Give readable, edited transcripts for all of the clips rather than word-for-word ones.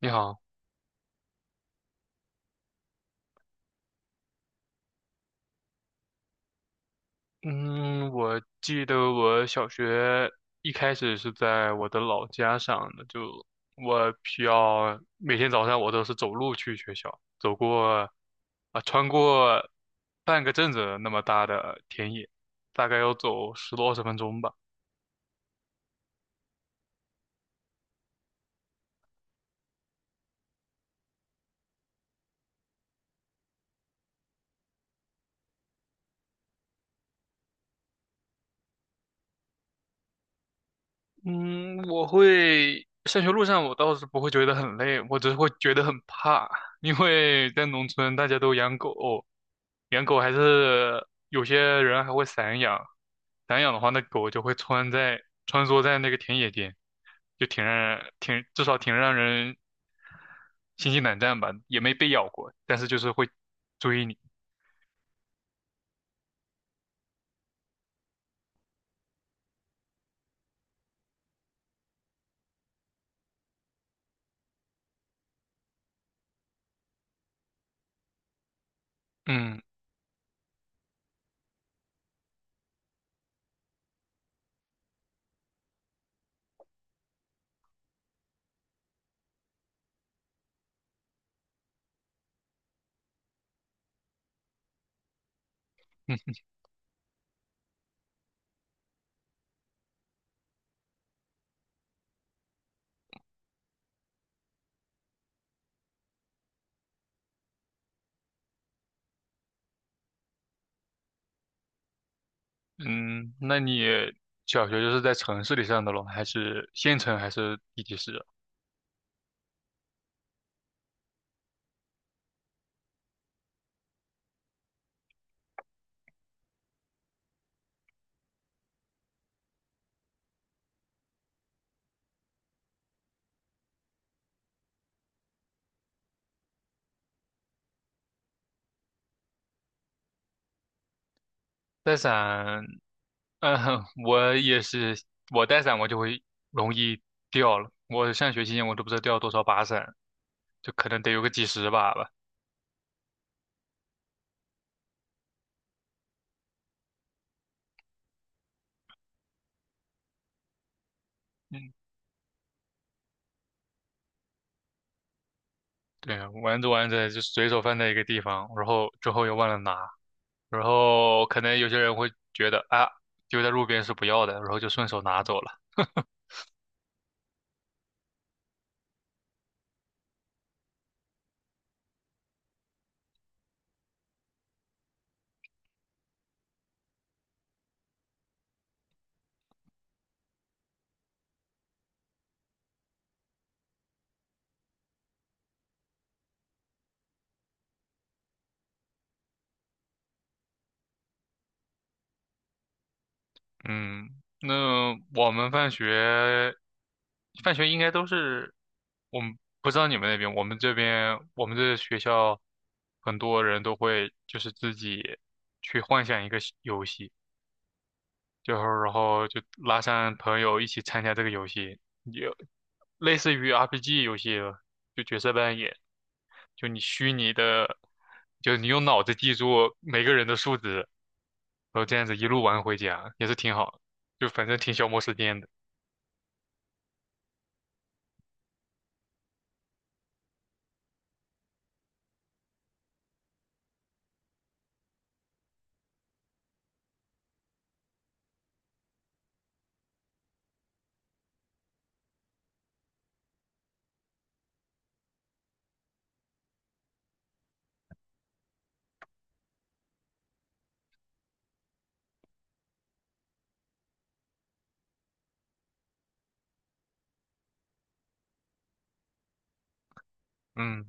你好。嗯，我记得我小学一开始是在我的老家上的，就我需要每天早上我都是走路去学校，走过穿过半个镇子那么大的田野，大概要走十多二十分钟吧。嗯，我会上学路上我倒是不会觉得很累，我只是会觉得很怕，因为在农村大家都养狗，养狗还是有些人还会散养，散养的话那狗就会穿梭在那个田野间，就挺让人挺至少挺让人心惊胆战吧，也没被咬过，但是就是会追你。嗯嗯 嗯，那你小学就是在城市里上的咯，还是县城还是地级市啊？在陕嗯，我也是，我带伞我就会容易掉了。我上学期间我都不知道掉了多少把伞，就可能得有个几十把吧。嗯，对啊，玩着玩着就随手放在一个地方，然后之后又忘了拿，然后可能有些人会觉得啊，丢在路边是不要的，然后就顺手拿走了。嗯，那我们放学，放学应该都是，我们不知道你们那边，我们这边，我们这学校很多人都会就是自己去幻想一个西游戏，就是然后就拉上朋友一起参加这个游戏，就类似于 RPG 游戏了，就角色扮演，就你虚拟的，就你用脑子记住每个人的数值。然后这样子一路玩回家也是挺好的，就反正挺消磨时间的。嗯，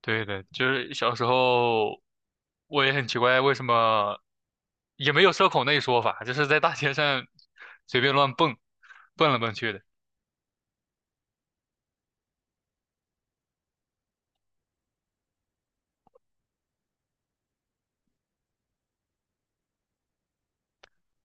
对的，就是小时候我也很奇怪为什么也没有社恐那一说法，就是在大街上随便乱蹦，蹦来蹦去的。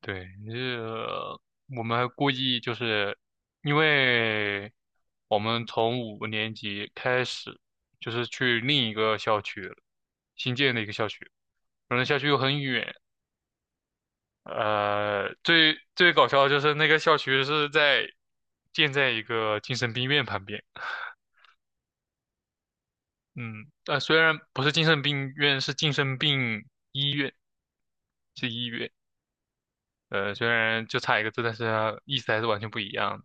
对，我们还故意就是因为我们从五年级开始就是去另一个校区了，新建的一个校区，反正校区又很远。呃，最最搞笑的就是那个校区是建在一个精神病院旁边。嗯，虽然不是精神病院，是精神病医院，是医院。虽然就差一个字，但是它意思还是完全不一样的。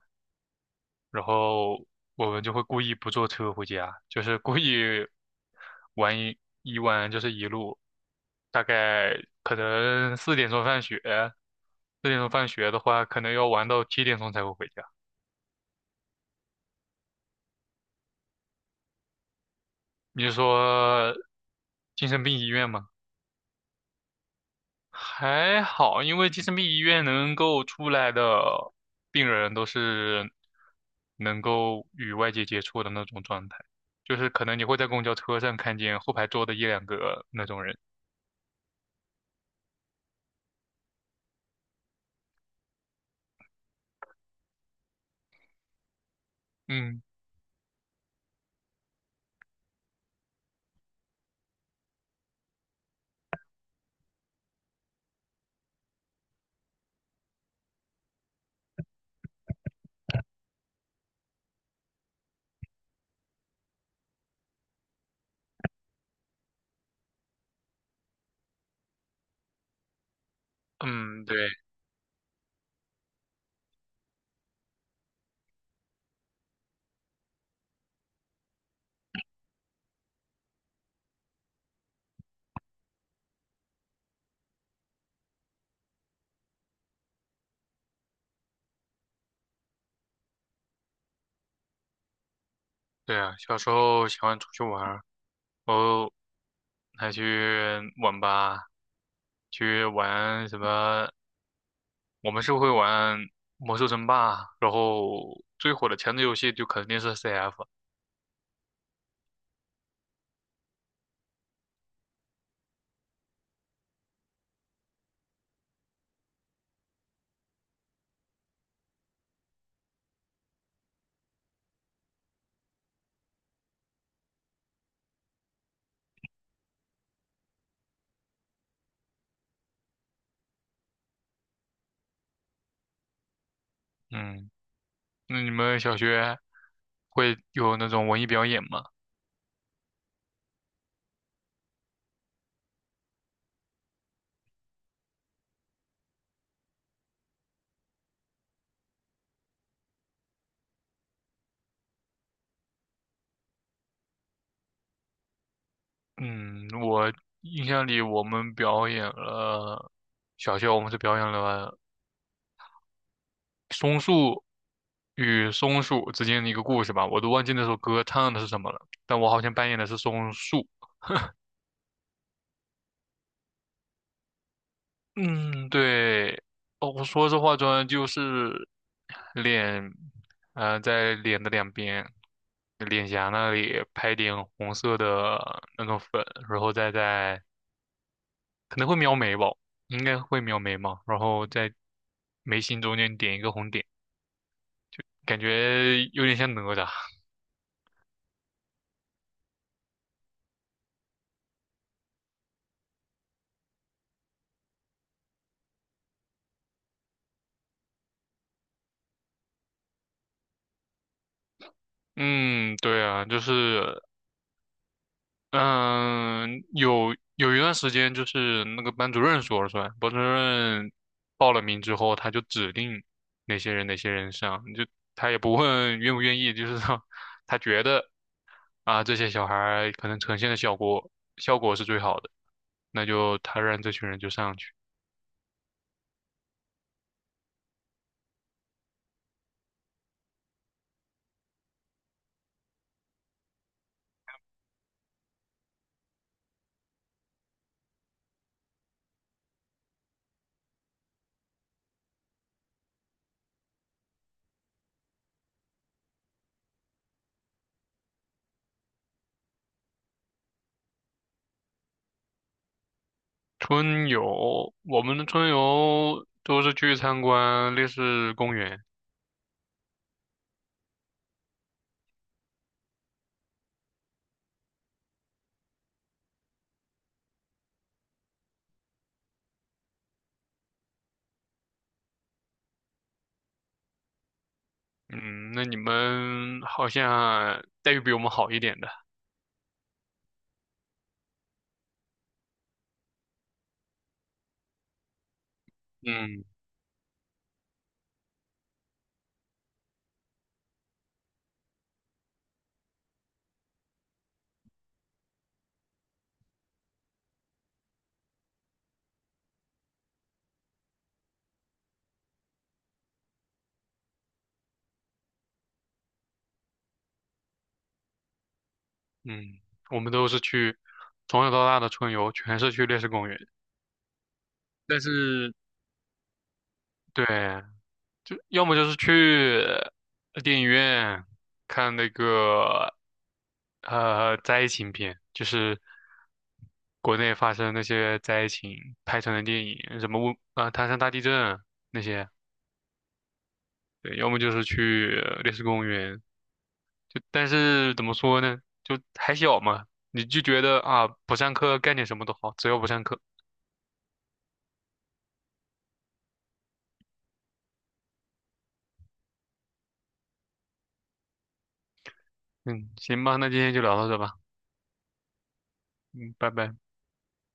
然后我们就会故意不坐车回家，就是故意玩一一玩就是一路，大概可能四点钟放学，四点钟放学的话，可能要玩到七点钟才会回家。你是说精神病医院吗？还好，因为精神病医院能够出来的病人都是能够与外界接触的那种状态，就是可能你会在公交车上看见后排坐的一两个那种人。嗯嗯，对，对啊，小时候喜欢出去玩儿，然后还去网吧去玩什么，我们是会玩魔兽争霸，然后最火的前置游戏就肯定是 CF。嗯，那你们小学会有那种文艺表演吗？嗯，印象里我们表演了，小学我们是表演了松树与松鼠之间的一个故事吧，我都忘记那首歌唱的是什么了，但我好像扮演的是松树。嗯，对，哦，我说这化妆就是脸，在脸的两边，脸颊那里拍点红色的那种粉，然后可能会描眉吧，应该会描眉嘛，然后在眉心中间点一个红点，感觉有点像哪吒。嗯，对啊，就是嗯，有一段时间就是那个班主任说了算，班主任报了名之后，他就指定哪些人哪些人上，就他也不问愿不愿意，就是说他觉得啊这些小孩儿可能呈现的效果是最好的，那就他让这群人就上去。春游，我们的春游都是去参观烈士公园。嗯，那你们好像待遇比我们好一点的。嗯，嗯,我们都是去从小到大的春游，全是去烈士公园。但是，对，就要么就是去电影院看那个灾情片，就是国内发生那些灾情拍成的电影，什么唐山大地震那些。对，要么就是去烈士公园。就但是怎么说呢，就还小嘛，你就觉得啊不上课干点什么都好，只要不上课。嗯，行吧，那今天就聊到这吧。嗯，拜拜。